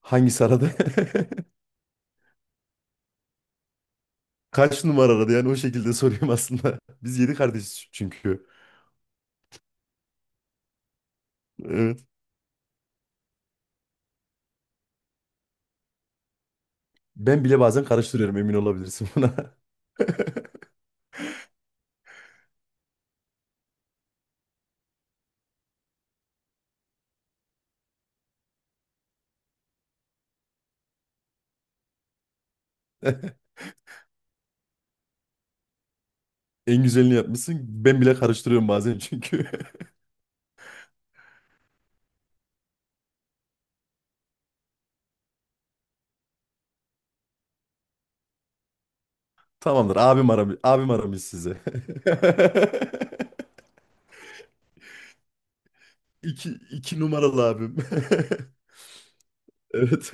Hangisi aradı? Kaç numara aradı, yani o şekilde sorayım aslında. Biz yedi kardeşiz çünkü. Evet. Ben bile bazen karıştırıyorum, emin olabilirsin buna. En güzelini yapmışsın. Ben bile karıştırıyorum bazen çünkü. Tamamdır, abim aramış, abim aramış sizi. İki numaralı abim. Evet.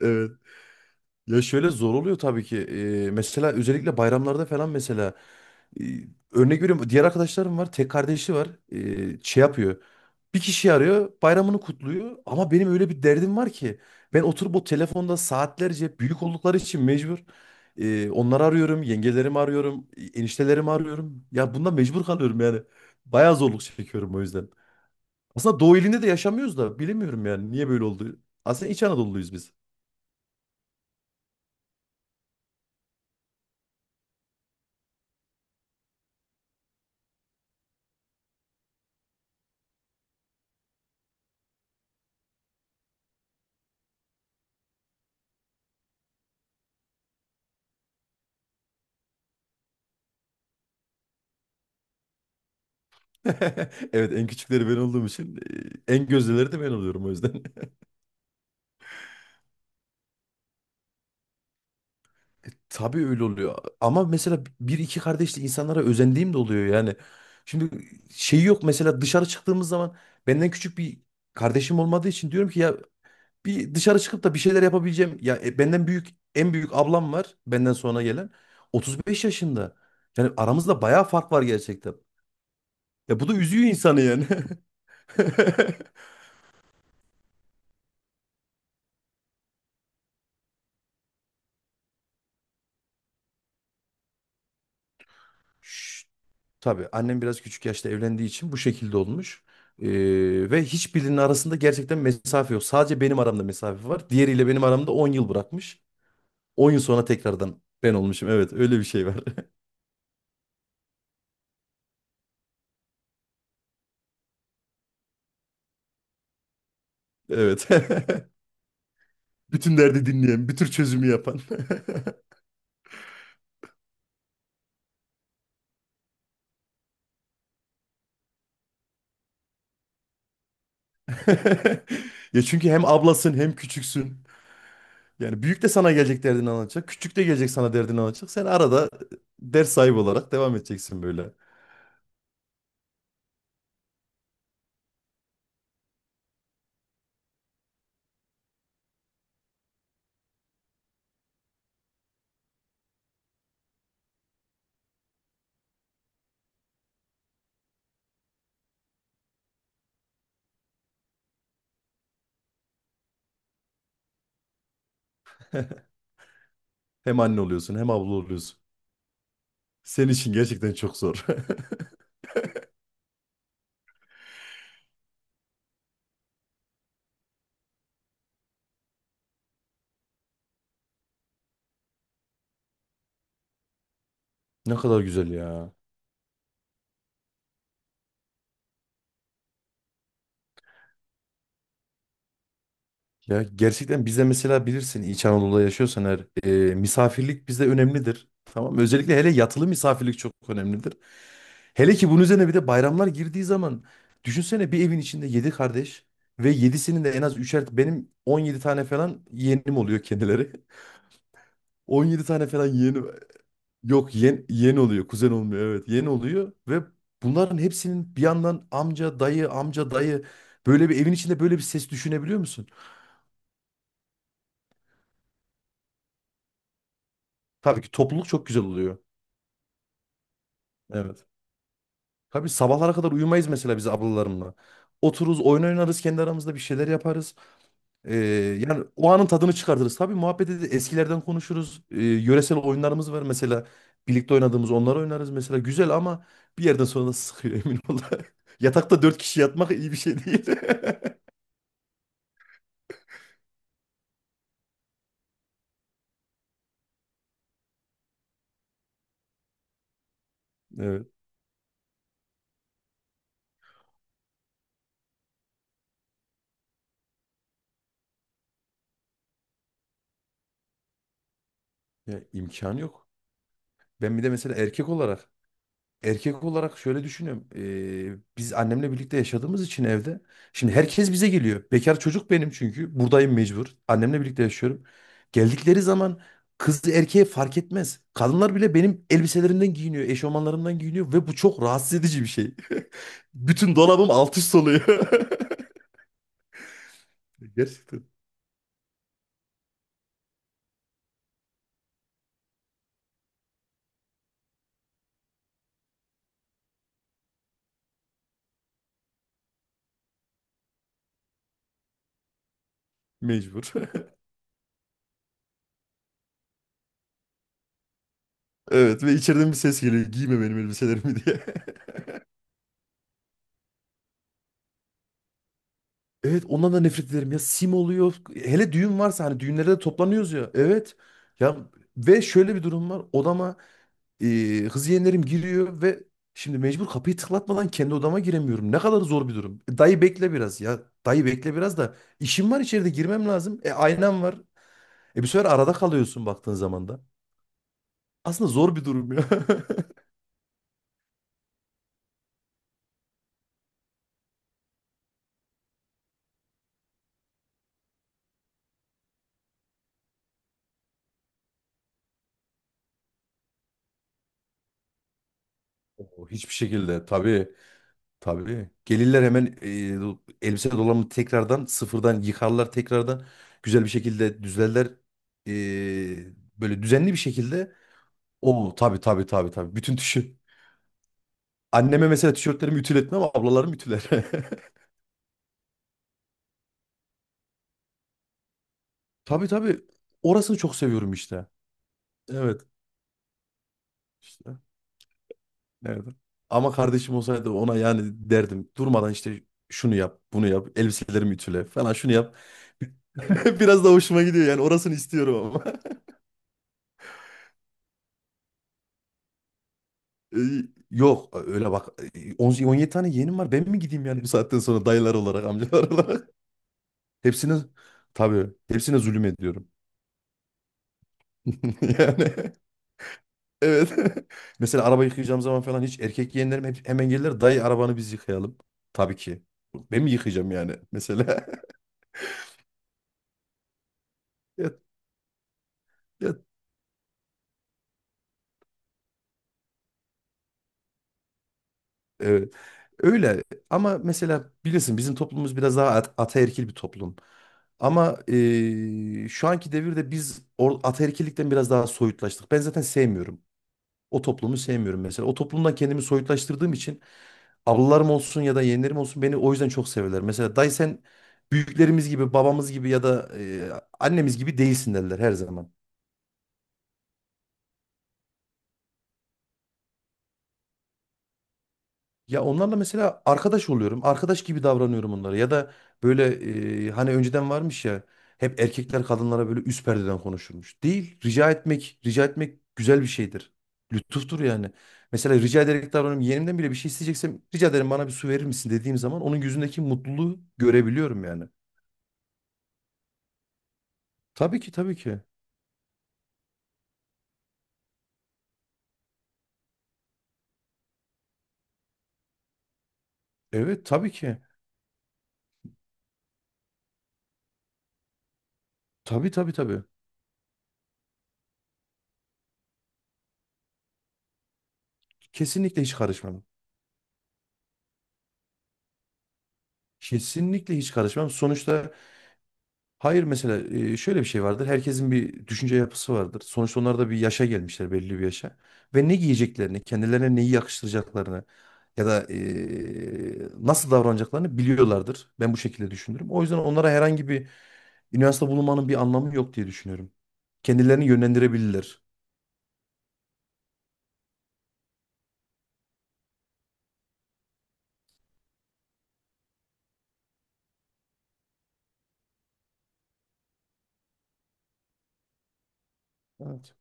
Evet. Ya şöyle zor oluyor tabii ki. Mesela özellikle bayramlarda falan mesela e, örnek veriyorum, diğer arkadaşlarım var. Tek kardeşi var. Şey yapıyor. Bir kişi arıyor, bayramını kutluyor ama benim öyle bir derdim var ki ben oturup o telefonda saatlerce büyük oldukları için mecbur onları arıyorum, yengelerimi arıyorum, eniştelerimi arıyorum. Ya bundan mecbur kalıyorum yani. Bayağı zorluk çekiyorum o yüzden. Aslında Doğu ilinde de yaşamıyoruz da bilemiyorum yani niye böyle oldu. Aslında İç Anadolu'luyuz biz. Evet, en küçükleri ben olduğum için en gözdeleri de ben oluyorum o yüzden. Tabii öyle oluyor. Ama mesela bir iki kardeşli insanlara özendiğim de oluyor yani. Şimdi şey yok mesela, dışarı çıktığımız zaman benden küçük bir kardeşim olmadığı için diyorum ki ya bir dışarı çıkıp da bir şeyler yapabileceğim. Ya benden büyük en büyük ablam var, benden sonra gelen 35 yaşında. Yani aramızda bayağı fark var gerçekten. Ya bu da üzüyor insanı yani. Şşt, tabii annem biraz küçük yaşta evlendiği için bu şekilde olmuş. Ve hiçbirinin arasında gerçekten mesafe yok. Sadece benim aramda mesafe var. Diğeriyle benim aramda 10 yıl bırakmış. 10 yıl sonra tekrardan ben olmuşum. Evet, öyle bir şey var. Evet. Bütün derdi dinleyen, bir tür çözümü yapan. Ya çünkü hem ablasın hem küçüksün. Yani büyük de sana gelecek, derdini anlatacak. Küçük de gelecek sana, derdini anlatacak. Sen arada ders sahibi olarak devam edeceksin böyle. Hem anne oluyorsun hem abla oluyorsun. Senin için gerçekten çok zor. Ne kadar güzel ya. Ya gerçekten bize, mesela bilirsin, İç Anadolu'da yaşıyorsan eğer misafirlik bize önemlidir. Tamam mı? Özellikle hele yatılı misafirlik çok önemlidir. Hele ki bunun üzerine bir de bayramlar girdiği zaman, düşünsene, bir evin içinde 7 kardeş ve 7'sinin de en az üçer, benim 17 tane falan yeğenim oluyor kendileri. 17 tane falan yeğeni, yok yeğen, yeğen oluyor, kuzen olmuyor, evet yeğen oluyor. Ve bunların hepsinin bir yandan amca dayı amca dayı, böyle bir evin içinde böyle bir ses düşünebiliyor musun? Tabii ki topluluk çok güzel oluyor. Evet. Tabii sabahlara kadar uyumayız mesela biz ablalarımla. Otururuz, oyun oynarız kendi aramızda, bir şeyler yaparız. Ee, Yani o anın tadını çıkartırız. Tabii muhabbet ederiz, eskilerden konuşuruz. Yöresel oyunlarımız var mesela. Birlikte oynadığımız onları oynarız mesela. Güzel ama bir yerden sonra da sıkıyor, emin ol. Yatakta dört kişi yatmak iyi bir şey değil. Evet. Ya imkan yok. Ben bir de mesela erkek olarak erkek olarak şöyle düşünüyorum. Biz annemle birlikte yaşadığımız için evde. Şimdi herkes bize geliyor. Bekar çocuk benim çünkü. Buradayım mecbur. Annemle birlikte yaşıyorum. Geldikleri zaman kız erkeğe fark etmez. Kadınlar bile benim elbiselerimden giyiniyor, eşofmanlarımdan giyiniyor ve bu çok rahatsız edici bir şey. Bütün dolabım alt üst oluyor. Gerçekten mecbur. Evet ve içeriden bir ses geliyor: giyme benim elbiselerimi diye. Evet, ondan da nefret ederim ya, sim oluyor hele düğün varsa, hani düğünlerde de toplanıyoruz ya, evet ya. Ve şöyle bir durum var, odama kız yeğenlerim giriyor ve şimdi mecbur kapıyı tıklatmadan kendi odama giremiyorum, ne kadar zor bir durum. Dayı bekle biraz ya, dayı bekle biraz da işim var içeride, girmem lazım, aynam var, bir sefer arada kalıyorsun baktığın zaman da aslında zor bir durum ya. O hiçbir şekilde tabii. Tabii. Gelirler hemen, elbise dolabını tekrardan sıfırdan yıkarlar tekrardan. Güzel bir şekilde düzlerler. E, Böyle düzenli bir şekilde. O tabii tabii tabii tabii. Bütün tişört. Anneme mesela tişörtlerimi ütületmem ama ablalarım ütüler. Tabii tabii. Orasını çok seviyorum işte. Evet. İşte. Nerede? Ama kardeşim olsaydı ona yani derdim. Durmadan işte şunu yap, bunu yap, elbiselerimi ütüle falan, şunu yap. Biraz da hoşuma gidiyor yani, orasını istiyorum. Ee, Yok öyle bak, on yedi tane yeğenim var, ben mi gideyim yani bu saatten sonra, dayılar olarak amcalar olarak. Hepsine, tabii hepsine zulüm ediyorum. Yani evet. Mesela araba yıkayacağım zaman falan hiç, erkek yeğenlerim hep hemen gelirler, dayı arabanı biz yıkayalım, tabii ki ben mi yıkayacağım yani mesela. Ya, ya, evet. Öyle. Ama mesela bilirsin bizim toplumumuz biraz daha ataerkil bir toplum. Ama şu anki devirde biz ataerkillikten biraz daha soyutlaştık. Ben zaten sevmiyorum. O toplumu sevmiyorum mesela. O toplumdan kendimi soyutlaştırdığım için ablalarım olsun ya da yeğenlerim olsun beni o yüzden çok severler. Mesela dayı sen büyüklerimiz gibi, babamız gibi ya da annemiz gibi değilsin derler her zaman. Ya onlarla mesela arkadaş oluyorum. Arkadaş gibi davranıyorum onlara. Ya da böyle, hani önceden varmış ya hep erkekler kadınlara böyle üst perdeden konuşurmuş. Değil. Rica etmek güzel bir şeydir. Lütuftur yani. Mesela rica ederek davranıyorum. Yeğenimden bile bir şey isteyeceksem rica ederim, bana bir su verir misin dediğim zaman onun yüzündeki mutluluğu görebiliyorum yani. Tabii ki tabii ki. Evet tabii ki. Tabii tabii tabii. Kesinlikle hiç karışmam. Kesinlikle hiç karışmam. Sonuçta hayır, mesela şöyle bir şey vardır. Herkesin bir düşünce yapısı vardır. Sonuçta onlar da bir yaşa gelmişler, belli bir yaşa. Ve ne giyeceklerini, kendilerine neyi yakıştıracaklarını ya da nasıl davranacaklarını biliyorlardır. Ben bu şekilde düşünürüm. O yüzden onlara herhangi bir üniversite bulunmanın bir anlamı yok diye düşünüyorum. Kendilerini yönlendirebilirler. Evet.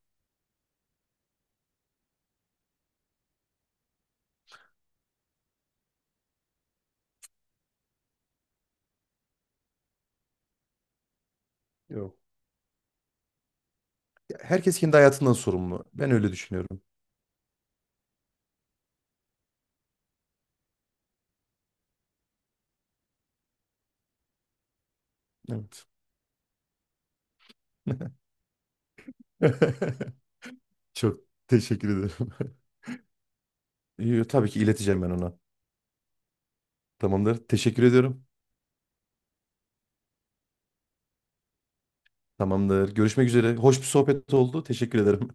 Yok. Ya herkes kendi hayatından sorumlu. Ben öyle düşünüyorum. Evet. Çok teşekkür ederim. Yo, tabii ki ileteceğim ben ona. Tamamdır. Teşekkür ediyorum. Tamamdır. Görüşmek üzere. Hoş bir sohbet oldu. Teşekkür ederim.